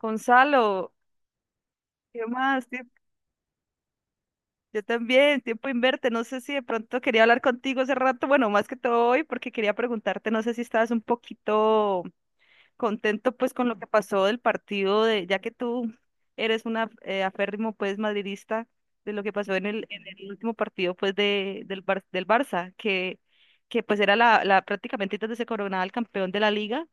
Gonzalo, ¿qué más? Yo también, tiempo inverte. No sé si de pronto quería hablar contigo hace rato, bueno, más que todo hoy, porque quería preguntarte, no sé si estabas un poquito contento pues con lo que pasó del partido de, ya que tú eres una aférrimo pues madridista, de lo que pasó en el último partido pues de, del, del Barça, que pues era la, la prácticamente entonces se coronaba el campeón de la liga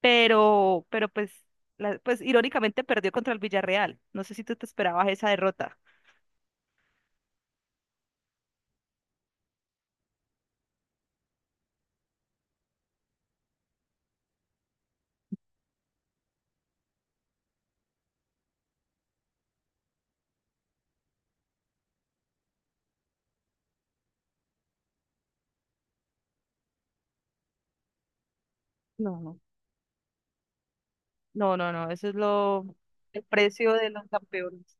pero pues, pues irónicamente perdió contra el Villarreal. No sé si tú te esperabas esa derrota. No, no. No, no, no, eso es lo, el precio de los campeones.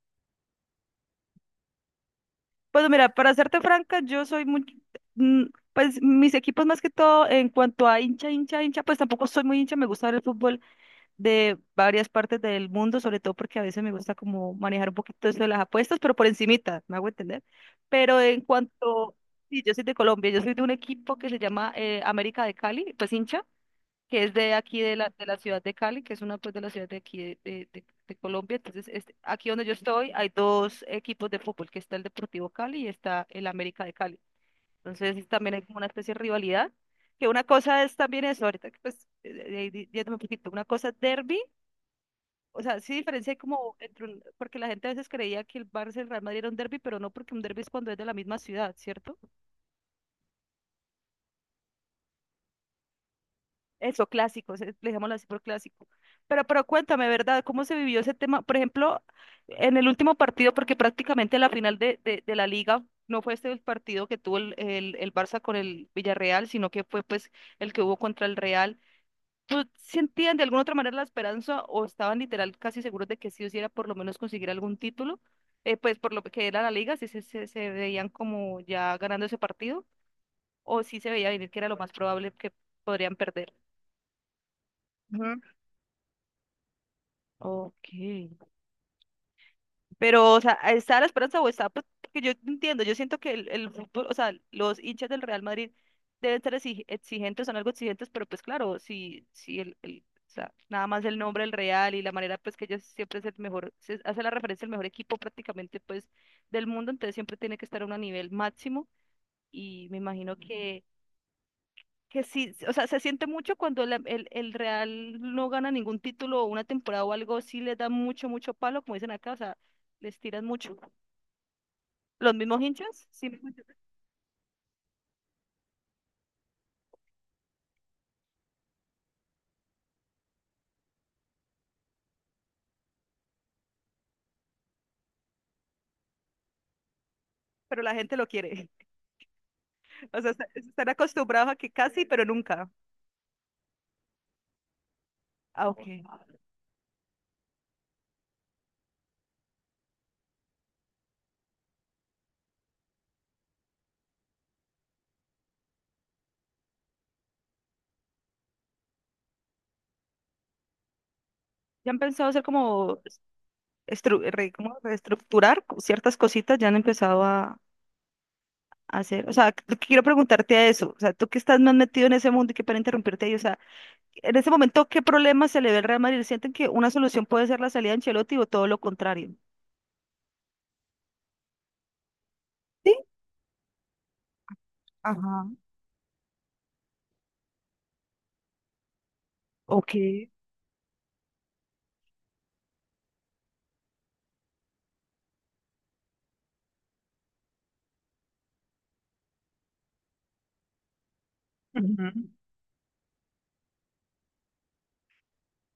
Pues mira, para serte franca, yo soy muy, mm, pues mis equipos más que todo en cuanto a hincha, hincha, hincha, pues tampoco soy muy hincha, me gusta ver el fútbol de varias partes del mundo, sobre todo porque a veces me gusta como manejar un poquito eso de las apuestas, pero por encimita, me hago entender. Pero en cuanto, sí, yo soy de Colombia, yo soy de un equipo que se llama América de Cali, pues hincha, que es de aquí de la ciudad de Cali, que es una pues de la ciudad de aquí de, de Colombia. Entonces, este, aquí donde yo estoy hay dos equipos de fútbol, que está el Deportivo Cali y está el América de Cali. Entonces, también hay como una especie de rivalidad, que una cosa es también eso, ahorita que pues, yéndome un poquito, una cosa es derbi, o sea, sí diferencia hay como entre porque la gente a veces creía que el Barça y el Real Madrid era un derbi, pero no porque un derbi es cuando es de la misma ciudad, ¿cierto? Eso, clásicos le llamamos así por clásico. Pero cuéntame, ¿verdad? ¿Cómo se vivió ese tema? Por ejemplo, en el último partido, porque prácticamente la final de la liga no fue este el partido que tuvo el Barça con el Villarreal, sino que fue pues el que hubo contra el Real. ¿Tú sentían de alguna otra manera la esperanza o estaban literal casi seguros de que sí o sí era por lo menos conseguir algún título? Pues por lo que era la liga, si se, se, se veían como ya ganando ese partido o si se veía venir que era lo más probable que podrían perder. Ujú. Ok. Pero, o sea, ¿está la esperanza o está? Pues, porque yo entiendo, yo siento que el fútbol, o sea, los hinchas del Real Madrid deben ser exigentes, son algo exigentes, pero pues claro, si, si el, o sea, nada más el nombre del Real y la manera pues que ellos siempre es el mejor, se hace la referencia al mejor equipo prácticamente pues del mundo, entonces siempre tiene que estar a un nivel máximo y me imagino que sí, o sea, se siente mucho cuando el Real no gana ningún título o una temporada o algo, sí les da mucho, mucho palo, como dicen acá, o sea, les tiran mucho los mismos hinchas, sí, mismos hinchas, pero la gente lo quiere. O sea, están acostumbrados a que casi, pero nunca. Ah, ok. Ya han pensado hacer como, como reestructurar ciertas cositas, ya han empezado a hacer. O sea, lo que quiero preguntarte a eso. O sea, tú que estás más metido en ese mundo y que para interrumpirte ahí, o sea, en ese momento, ¿qué problema se le ve al Real Madrid? ¿Sienten que una solución puede ser la salida de Ancelotti o todo lo contrario? Sí. Ajá. Ok. Ujú.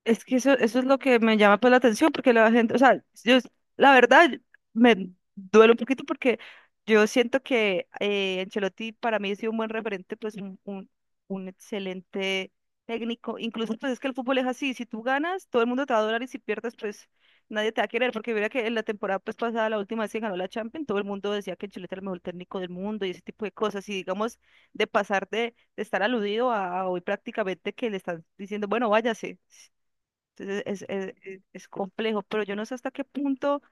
Es que eso es lo que me llama pues la atención, porque la gente, o sea, yo, la verdad, me duele un poquito porque yo siento que Ancelotti para mí ha sido un buen referente, pues un excelente técnico. Incluso pues es que el fútbol es así, si tú ganas, todo el mundo te va a adorar y si pierdes, pues nadie te va a querer, porque mira que en la temporada pues pasada, la última vez que ganó la Champions, todo el mundo decía que Ancelotti era el mejor técnico del mundo y ese tipo de cosas, y digamos, de pasar de estar aludido a hoy prácticamente que le están diciendo, bueno, váyase. Entonces es, es complejo, pero yo no sé hasta qué punto.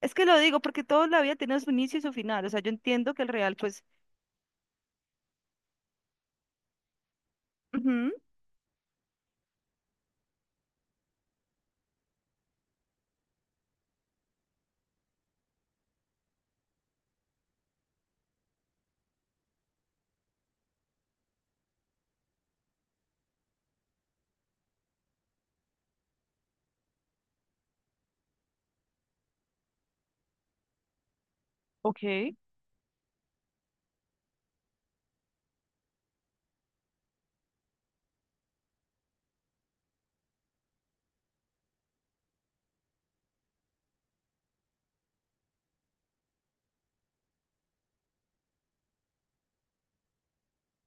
Es que lo digo porque toda la vida tiene su inicio y su final. O sea, yo entiendo que el real, pues, ujú, ok,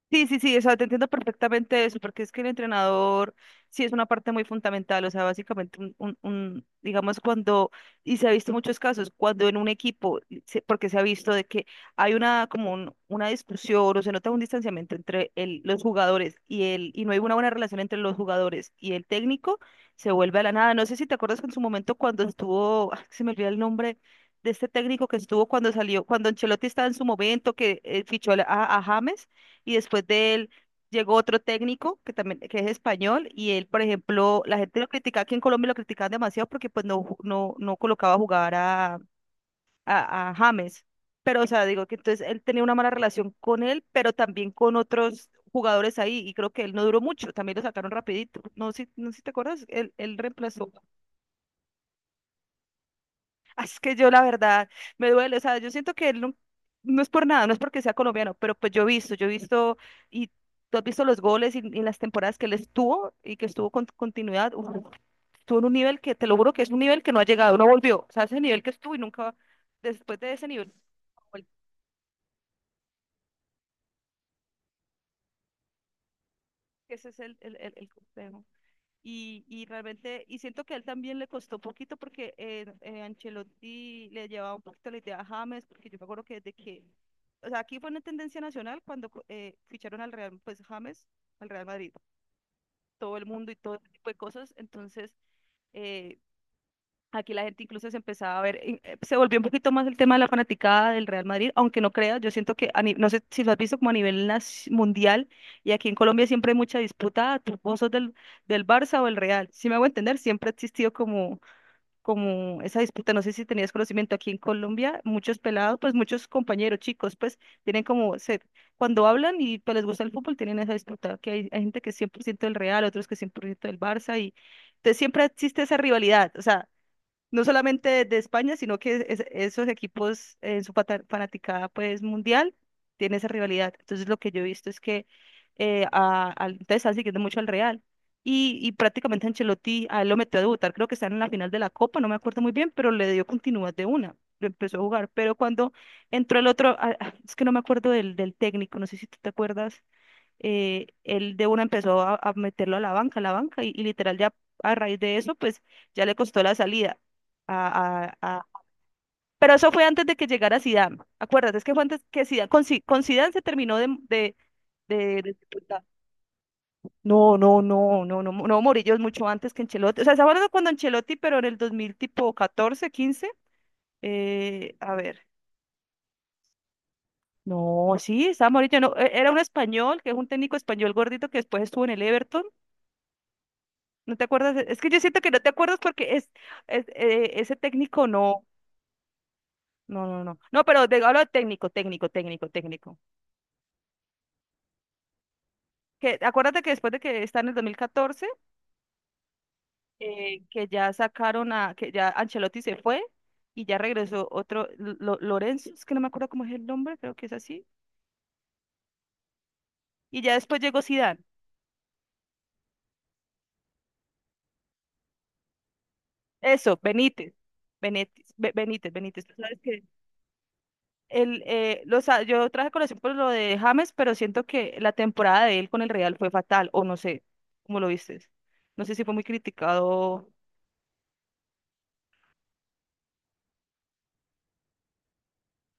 sí, sí, sí, o sea, te entiendo perfectamente eso, porque es que el entrenador sí es una parte muy fundamental, o sea, básicamente un, digamos, cuando, y se ha visto muchos casos, cuando en un equipo, y porque se ha visto de que hay una, como una discusión o se nota un distanciamiento entre el, los jugadores y el, y no hay una buena relación entre los jugadores y el técnico, se vuelve a la nada. No sé si te acuerdas que en su momento cuando estuvo, ah, se me olvida el nombre. De este técnico que estuvo cuando salió, cuando Ancelotti estaba en su momento, que fichó a, a James, y después de él llegó otro técnico que también que es español y él, por ejemplo, la gente lo criticaba, aquí en Colombia lo criticaban demasiado porque pues no, no, no colocaba a jugar a James. Pero, o sea, digo que entonces él tenía una mala relación con él, pero también con otros jugadores ahí y creo que él no duró mucho, también lo sacaron rapidito. No sé, no sé si te acuerdas, él reemplazó. Ah, es que yo la verdad me duele, o sea, yo siento que él no, no es por nada, no es porque sea colombiano, pero pues yo he visto y tú has visto los goles y las temporadas que él estuvo y que estuvo con continuidad, uf, estuvo en un nivel que te lo juro que es un nivel que no ha llegado, no volvió, o sea, ese nivel que estuvo y nunca, después de ese nivel, no volvió. Ese es el complejo. Y realmente, y siento que a él también le costó un poquito porque Ancelotti le llevaba un poquito la idea a James, porque yo me acuerdo que desde que, o sea, aquí fue una tendencia nacional cuando ficharon al Real, pues James, al Real Madrid, todo el mundo y todo ese tipo de cosas, entonces, eh, aquí la gente incluso se empezaba a ver, se volvió un poquito más el tema de la fanaticada del Real Madrid, aunque no creas, yo siento que, a no sé si lo has visto como a nivel mundial, y aquí en Colombia siempre hay mucha disputa, ah, tú vos sos del, del Barça o el Real, si me hago entender, siempre ha existido como, como esa disputa, no sé si tenías conocimiento, aquí en Colombia muchos pelados, pues muchos compañeros, chicos, pues tienen como, se, cuando hablan y pues, les gusta el fútbol, tienen esa disputa, que hay gente que es 100% del Real, otros que es 100% del Barça, y entonces siempre existe esa rivalidad, o sea, no solamente de España, sino que esos equipos en su fanaticada pues mundial tienen esa rivalidad. Entonces lo que yo he visto es que entonces están siguiendo mucho al Real. Y prácticamente Ancelotti a él lo metió a debutar, creo que está en la final de la Copa, no me acuerdo muy bien, pero le dio continuidad de una, lo empezó a jugar. Pero cuando entró el otro, es que no me acuerdo del, del técnico, no sé si tú te acuerdas él de una empezó a meterlo a la banca, y literal ya a raíz de eso, pues ya le costó la salida a, pero eso fue antes de que llegara Zidane, acuérdate, es que fue antes que Zidane, con, con Zidane se terminó de, de sepultar. No, no, no, no, no, no, Murillo es mucho antes que Ancelotti, o sea, ¿se acuerdan cuando Ancelotti, pero en el 2000 tipo 14, 15? A ver. No, sí, estaba Murillo, no, era un español, que es un técnico español gordito que después estuvo en el Everton, ¿no te acuerdas? Es que yo siento que no te acuerdas porque es ese técnico no. No, no, no. No, pero de, hablo de técnico, técnico, técnico, técnico. Que acuérdate que después de que está en el 2014, que ya sacaron a, que ya Ancelotti se fue y ya regresó otro, Lorenzo, es que no me acuerdo cómo es el nombre, creo que es así. Y ya después llegó Zidane. Eso, Benítez. Benítez, Benítez, Benítez. ¿Tú sabes que el, los, yo traje colación por lo de James, pero siento que la temporada de él con el Real fue fatal, o no sé, ¿cómo lo viste? No sé si fue muy criticado.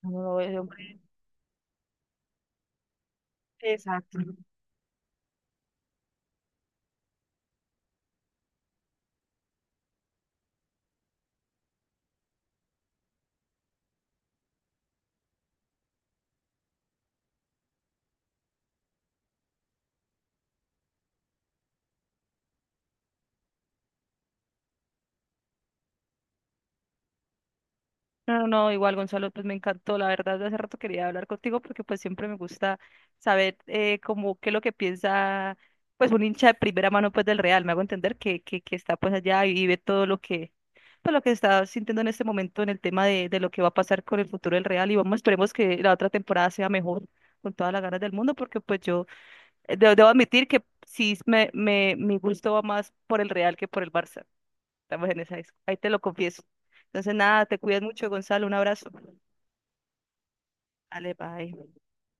No, no, hombre. Exacto. No, no, no, igual Gonzalo, pues me encantó, la verdad, de hace rato quería hablar contigo porque pues siempre me gusta saber como qué es lo que piensa pues un hincha de primera mano pues del Real, me hago entender que está pues allá y vive todo lo que pues lo que está sintiendo en este momento en el tema de lo que va a pasar con el futuro del Real y vamos, esperemos que la otra temporada sea mejor con todas las ganas del mundo porque pues yo debo admitir que sí me, mi gusto va más por el Real que por el Barça. Estamos en esa disco. Ahí te lo confieso. Entonces, nada, te cuidas mucho, Gonzalo. Un abrazo. Dale, bye.